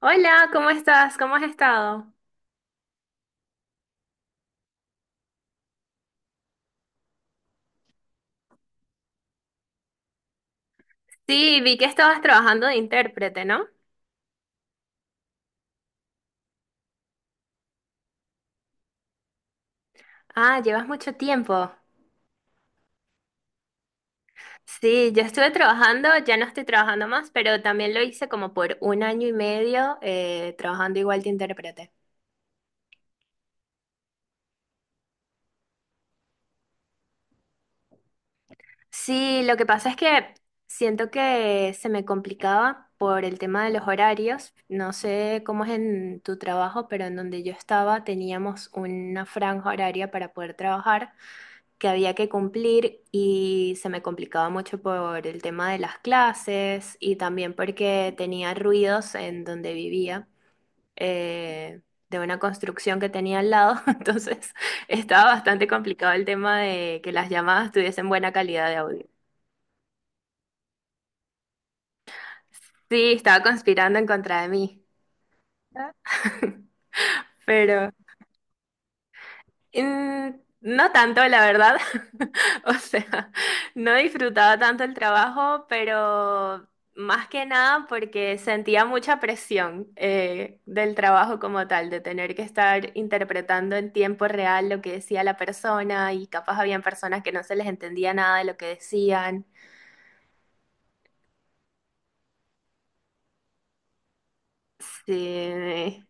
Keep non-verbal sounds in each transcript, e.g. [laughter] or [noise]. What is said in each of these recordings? Hola, ¿cómo estás? ¿Cómo has estado? Sí, vi que estabas trabajando de intérprete, ¿no? Ah, llevas mucho tiempo. Sí, yo estuve trabajando, ya no estoy trabajando más, pero también lo hice como por un año y medio trabajando igual de intérprete. Sí, lo que pasa es que siento que se me complicaba por el tema de los horarios. No sé cómo es en tu trabajo, pero en donde yo estaba teníamos una franja horaria para poder trabajar, que había que cumplir, y se me complicaba mucho por el tema de las clases y también porque tenía ruidos en donde vivía, eh, de una construcción que tenía al lado, [laughs] entonces estaba bastante complicado el tema de que las llamadas tuviesen buena calidad de audio. Sí, estaba conspirando en contra de mí, [laughs] pero Mm, no tanto, la verdad. [laughs] O sea, no disfrutaba tanto el trabajo, pero más que nada porque sentía mucha presión del trabajo como tal, de tener que estar interpretando en tiempo real lo que decía la persona, y capaz habían personas que no se les entendía nada de lo que decían. Sí.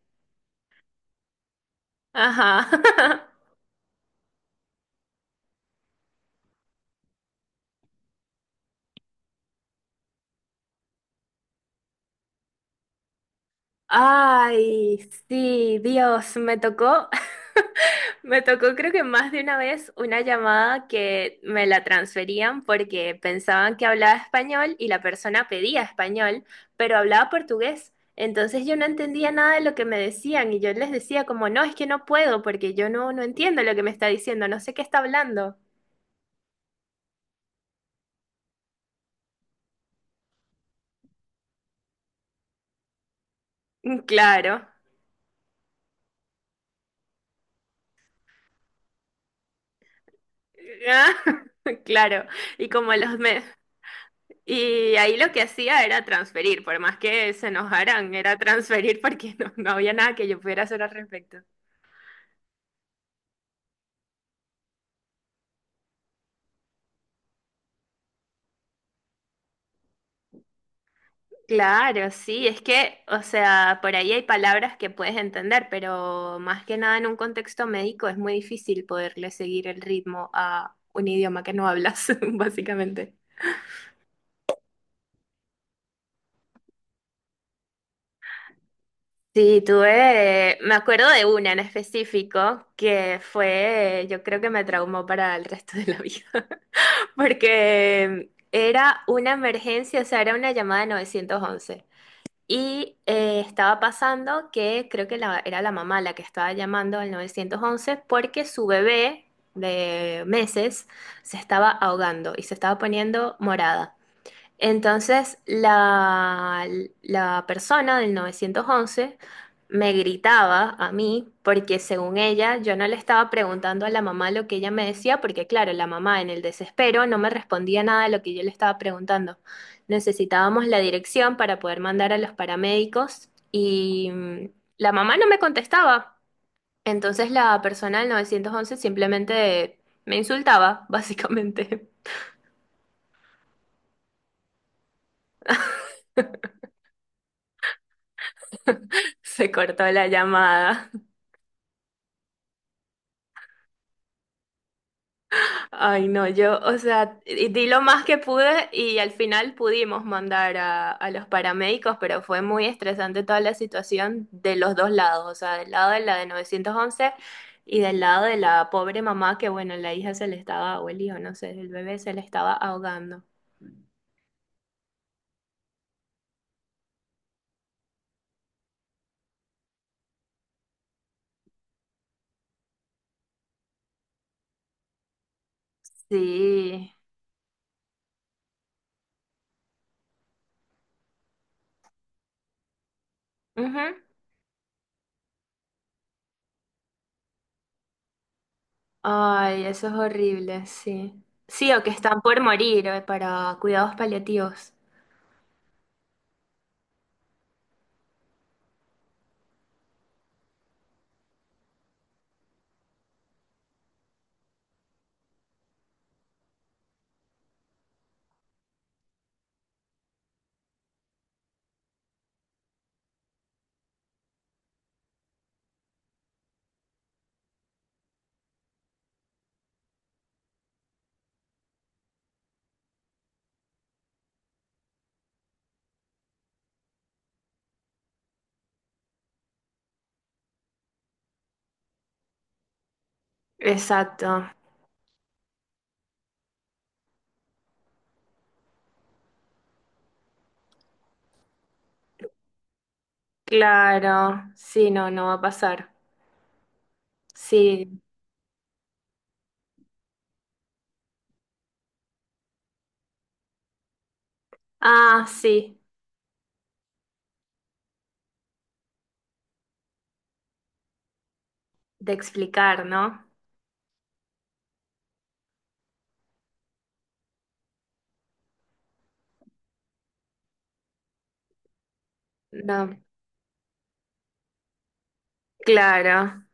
Ajá. [laughs] Ay, sí, Dios, Me tocó creo que más de una vez una llamada que me la transferían porque pensaban que hablaba español y la persona pedía español, pero hablaba portugués. Entonces yo no entendía nada de lo que me decían y yo les decía como, no, es que no puedo porque yo no entiendo lo que me está diciendo, no sé qué está hablando. Mm, claro. Ah, [laughs] claro. Y como los me... Y ahí lo que hacía era transferir, por más que se enojaran, era transferir porque [laughs] no había nada que yo pudiera hacer al respecto. Claro, sí, es que, o sea, por ahí hay palabras que puedes entender, pero más que nada en un contexto médico es muy difícil poderle seguir el ritmo a un idioma que no hablas, [laughs] básicamente. Sí, tuve, me acuerdo de una en específico que fue, yo creo que me traumó para el resto de la vida, [laughs] porque era una emergencia, o sea, era una llamada de 911. Y estaba pasando que creo que era la mamá la que estaba llamando al 911 porque su bebé de meses se estaba ahogando y se estaba poniendo morada. Entonces la persona del 911 me gritaba a mí porque según ella yo no le estaba preguntando a la mamá lo que ella me decía porque claro, la mamá en el desespero no me respondía nada de lo que yo le estaba preguntando. Necesitábamos la dirección para poder mandar a los paramédicos y la mamá no me contestaba. Entonces la persona del 911 simplemente me insultaba, básicamente. [laughs] Se cortó la llamada. Ay, no, yo, o sea, di lo más que pude y al final pudimos mandar a los paramédicos, pero fue muy estresante toda la situación de los dos lados, o sea, del lado de la de 911 y del lado de la pobre mamá que, bueno, la hija se le estaba, o el hijo, no sé, el bebé se le estaba ahogando. Sí. Ujú. Ay, eso es horrible, sí. Sí, o que están por morir para cuidados paliativos. Exacto. Claro. Sí, no, no va a pasar. Sí, ah, sí, de explicar, ¿no? No, claro,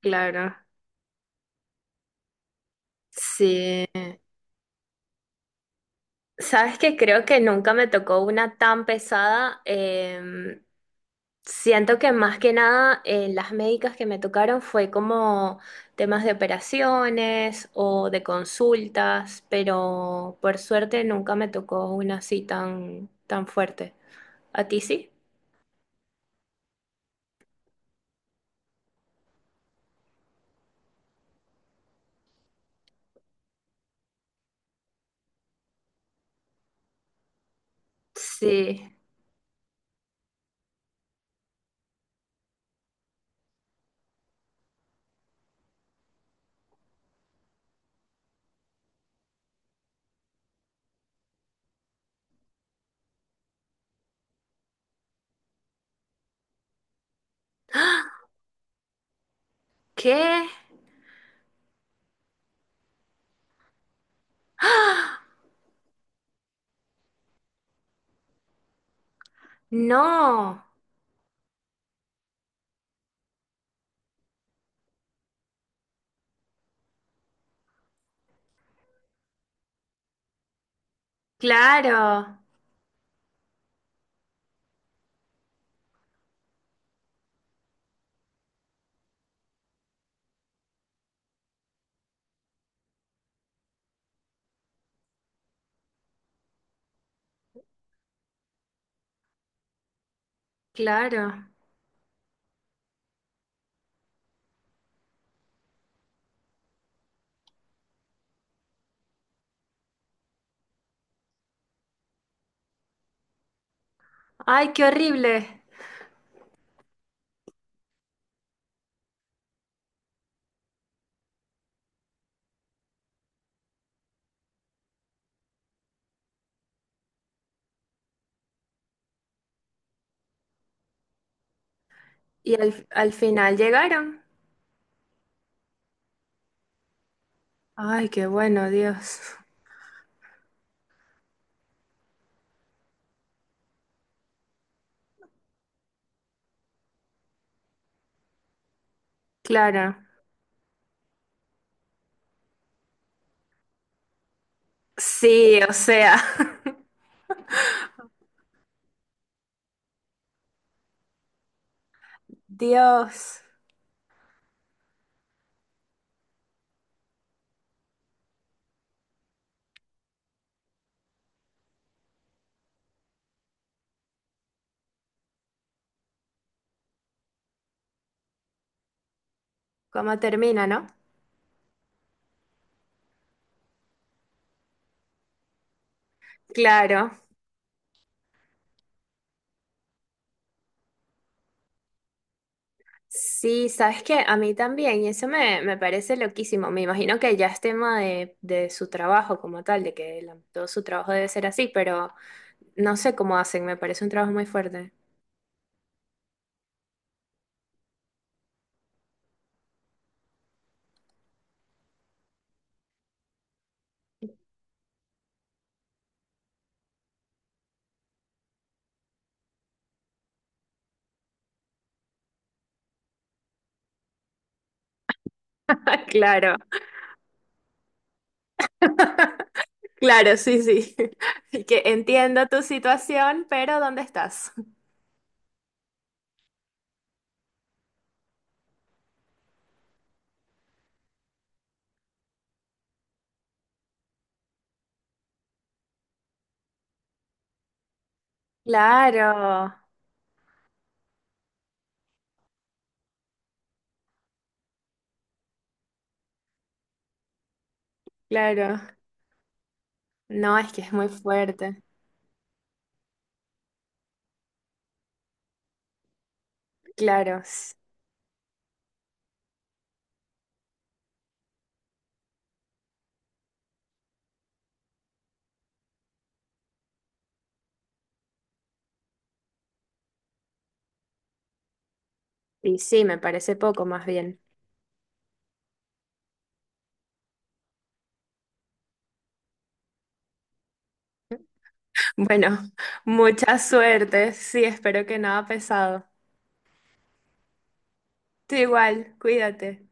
claro. Sí. Sabes que creo que nunca me tocó una tan pesada. Siento que más que nada las médicas que me tocaron fue como temas de operaciones o de consultas, pero por suerte nunca me tocó una así tan, tan fuerte. ¿A ti sí? Sí. ¿Qué? ¡Ah! No, claro, claro. Ay, qué horrible. Al final llegaron. Ay, qué bueno, Dios. Claro. Sí, o sea, [laughs] Dios, cómo termina, ¿no? Claro. Sí, sabes que a mí también, y eso me parece loquísimo. Me imagino que ya es tema de su trabajo como tal, de que todo su trabajo debe ser así, pero no sé cómo hacen, me parece un trabajo muy fuerte. [laughs] Claro. Claro, sí, sí. [laughs] Así que entiendo tu situación, pero ¿dónde estás? Claro, claro. No, es que es muy fuerte. Claro. Y sí, me parece poco más bien. Bueno, [laughs] mucha suerte. Sí, espero que nada pesado. Tú igual, cuídate.